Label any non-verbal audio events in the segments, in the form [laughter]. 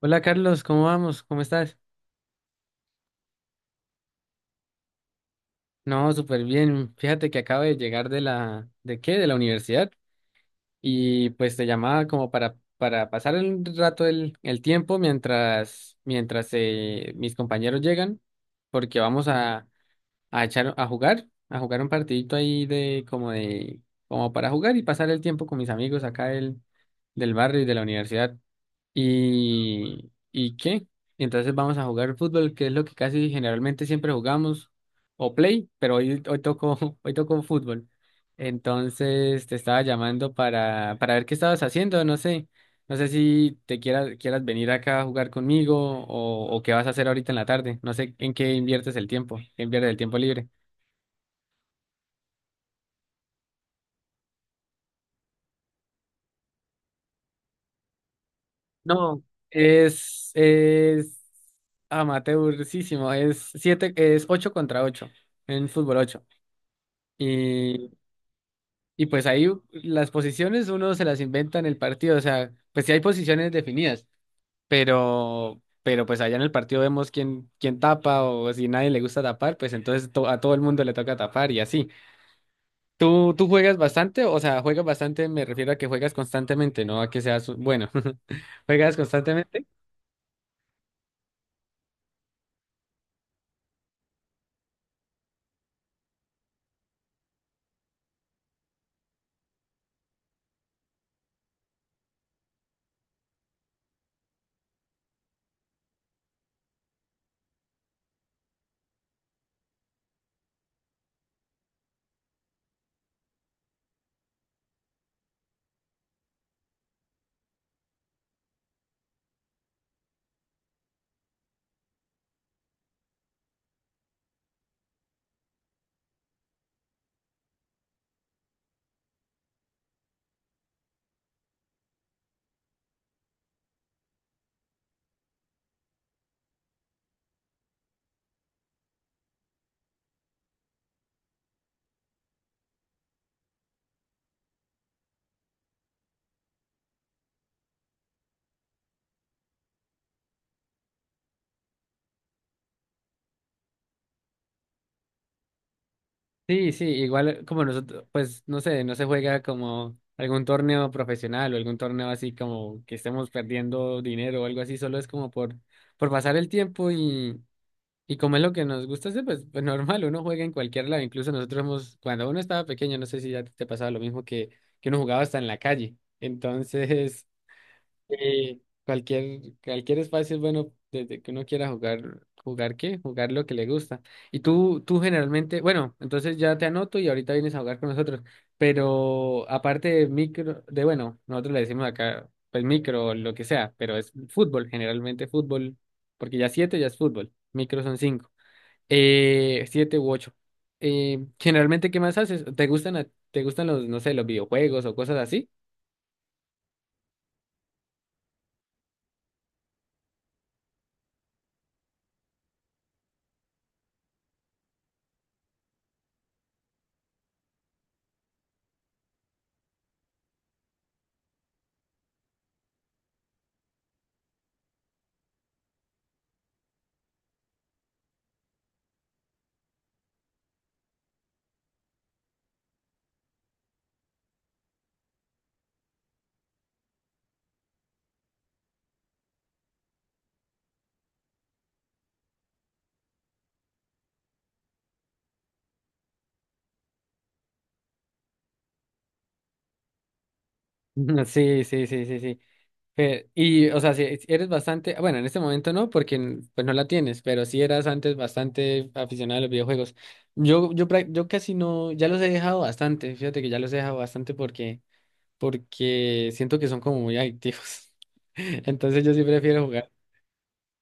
Hola Carlos, ¿cómo vamos? ¿Cómo estás? No, súper bien. Fíjate que acabo de llegar de la, ¿de qué? de la universidad y pues te llamaba como para pasar un rato el tiempo mientras mis compañeros llegan, porque vamos a jugar un partidito ahí de como para jugar y pasar el tiempo con mis amigos acá del barrio y de la universidad. ¿Y qué? Entonces vamos a jugar fútbol, que es lo que casi generalmente siempre jugamos, o play, pero hoy tocó, [laughs] hoy tocó fútbol. Entonces te estaba llamando para, ver qué estabas haciendo, no sé. No sé si te quieras venir acá a jugar conmigo o qué vas a hacer ahorita en la tarde. No sé en qué inviertes el tiempo, qué inviertes el tiempo libre. No, es amateurísimo, es ocho contra ocho en fútbol 8. Y, y pues ahí las posiciones uno se las inventa en el partido, o sea, pues sí hay posiciones definidas, pero pues allá en el partido vemos quién tapa o si nadie le gusta tapar, pues entonces a todo el mundo le toca tapar y así. ¿Tú juegas bastante? O sea, juegas bastante, me refiero a que juegas constantemente, no a que seas bueno. [laughs] ¿Juegas constantemente? Sí, sí, igual como nosotros, pues no sé, no se juega como algún torneo profesional o algún torneo así como que estemos perdiendo dinero o algo así, solo es como por pasar el tiempo y como es lo que nos gusta hacer, pues normal, uno juega en cualquier lado, incluso nosotros hemos, cuando uno estaba pequeño, no sé si ya te pasaba lo mismo que uno jugaba hasta en la calle, entonces cualquier espacio es bueno desde que uno quiera jugar, ¿jugar qué? Jugar lo que le gusta. Y tú generalmente, bueno, entonces ya te anoto y ahorita vienes a jugar con nosotros. Pero aparte de micro, nosotros le decimos acá, pues micro, lo que sea, pero es fútbol, generalmente fútbol, porque ya siete ya es fútbol, micro son cinco, siete u ocho. Generalmente, ¿qué más haces? ¿Te gustan, te gustan los, no sé, los videojuegos o cosas así? [laughs] Sí, sí, sí, sí, sí. Y, o sea, si eres bastante, bueno, en este momento no, porque pues no la tienes, pero sí eras antes bastante aficionado a los videojuegos. Yo casi no, ya los he dejado bastante, fíjate que ya los he dejado bastante porque siento que son como muy adictivos. [laughs] Entonces yo sí prefiero jugar.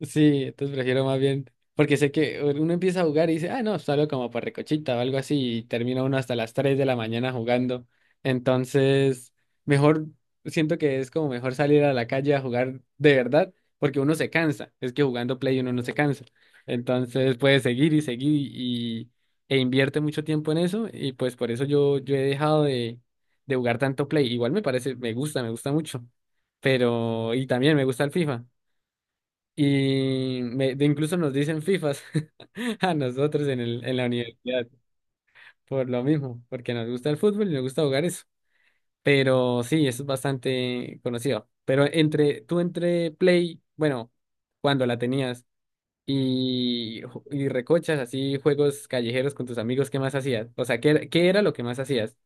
Sí, entonces prefiero más bien, porque sé que uno empieza a jugar y dice, ah, no, salgo como por recochita o algo así, y termina uno hasta las 3 de la mañana jugando. Entonces, mejor, siento que es como mejor salir a la calle a jugar de verdad, porque uno se cansa. Es que jugando Play uno no se cansa. Entonces puede seguir y seguir e invierte mucho tiempo en eso, y pues por eso yo he dejado de jugar tanto Play. Igual me parece, me gusta mucho. Pero, y también me gusta el FIFA. Y me- de incluso nos dicen FIFAs [laughs] a nosotros en la universidad por lo mismo, porque nos gusta el fútbol y nos gusta jugar eso. Pero sí, eso es bastante conocido. Pero entre tú entre Play, bueno, cuando la tenías y recochas así juegos callejeros con tus amigos, ¿qué más hacías? O sea, ¿qué era lo que más hacías?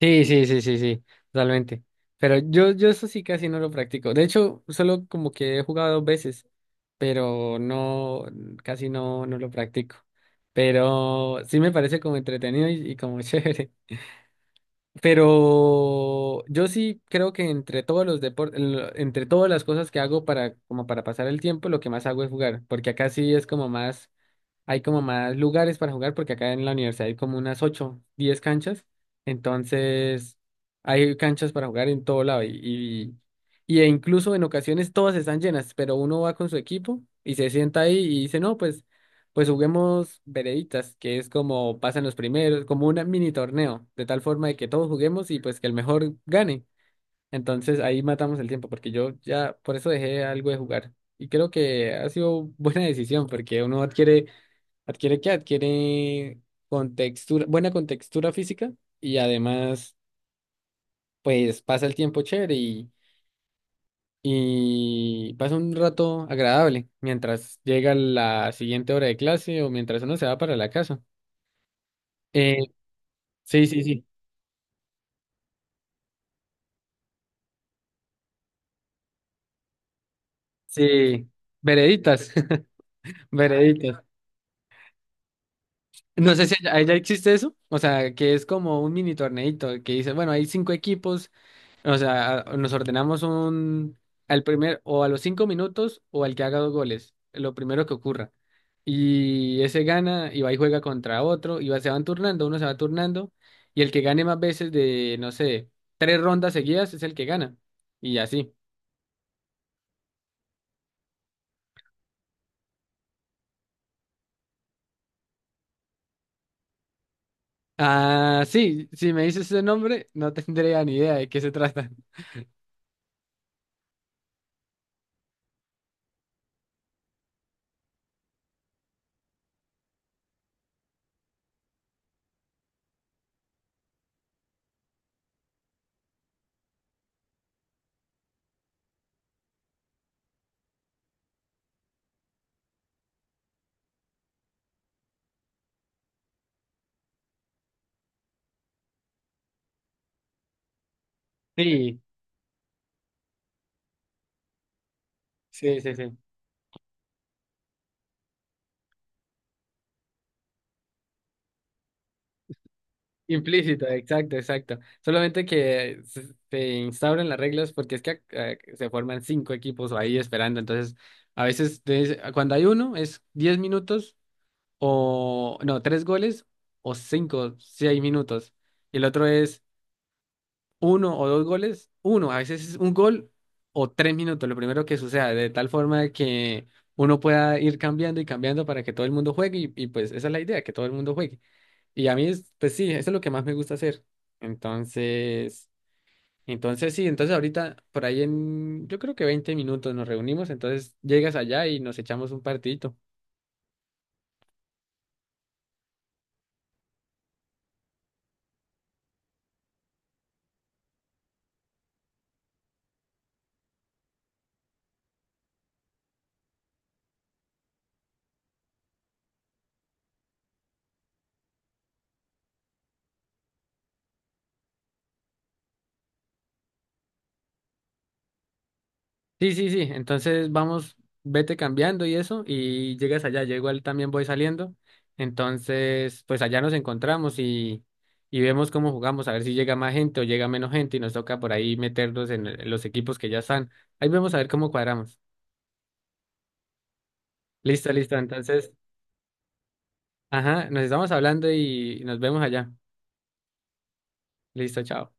Sí, sí, sí, sí, sí, totalmente. Pero yo eso sí casi no lo practico. De hecho, solo como que he jugado dos veces, pero no, casi no, no lo practico. Pero sí me parece como entretenido y como [laughs] chévere. Pero yo sí creo que entre todos los deportes, entre todas las cosas que hago para, como para pasar el tiempo, lo que más hago es jugar, porque acá sí es como más hay como más lugares para jugar porque acá en la universidad hay como unas 8, 10 canchas, entonces hay canchas para jugar en todo lado e incluso en ocasiones todas están llenas, pero uno va con su equipo y se sienta ahí y dice, no, pues juguemos vereditas, que es como pasan los primeros, como un mini torneo, de tal forma de que todos juguemos y pues que el mejor gane. Entonces ahí matamos el tiempo, porque yo ya por eso dejé algo de jugar. Y creo que ha sido buena decisión, porque uno adquiere, ¿adquiere qué? Adquiere contextura, buena contextura física y además, pues pasa el tiempo chévere y pasa un rato agradable mientras llega la siguiente hora de clase o mientras uno se va para la casa. Eh, sí, sí, sí, sí, vereditas, [laughs] vereditas. No sé si allá allá existe eso, o sea, que es como un mini torneito que dice, bueno, hay cinco equipos. O sea, nos ordenamos un al primer o a los 5 minutos o al que haga dos goles, lo primero que ocurra. Y ese gana y va y juega contra otro y se van turnando, uno se va turnando y el que gane más veces de, no sé, tres rondas seguidas es el que gana. Y así. Ah, sí, si me dices ese nombre, no tendría ni idea de qué se trata. Sí, sí, sí, sí. Implícito, exacto, exacto. Solamente que se instauran las reglas porque es que se forman cinco equipos ahí esperando. Entonces, a veces cuando hay uno es 10 minutos o no, tres goles o 5, 6 minutos. Y el otro es uno o dos goles, uno. A veces es un gol o 3 minutos, lo primero que suceda, de tal forma que uno pueda ir cambiando y cambiando para que todo el mundo juegue. Y pues esa es la idea, que todo el mundo juegue. Y a mí, pues sí, eso es lo que más me gusta hacer. Entonces, entonces sí, entonces ahorita por ahí yo creo que 20 minutos nos reunimos, entonces llegas allá y nos echamos un partidito. Sí, sí, sí, entonces vamos, vete cambiando y eso, y llegas allá, yo igual también voy saliendo. Entonces, pues allá nos encontramos y vemos cómo jugamos, a ver si llega más gente o llega menos gente y nos toca por ahí meternos en los equipos que ya están. Ahí vemos a ver cómo cuadramos. Listo, listo, entonces... Ajá, nos estamos hablando y nos vemos allá. Listo, chao.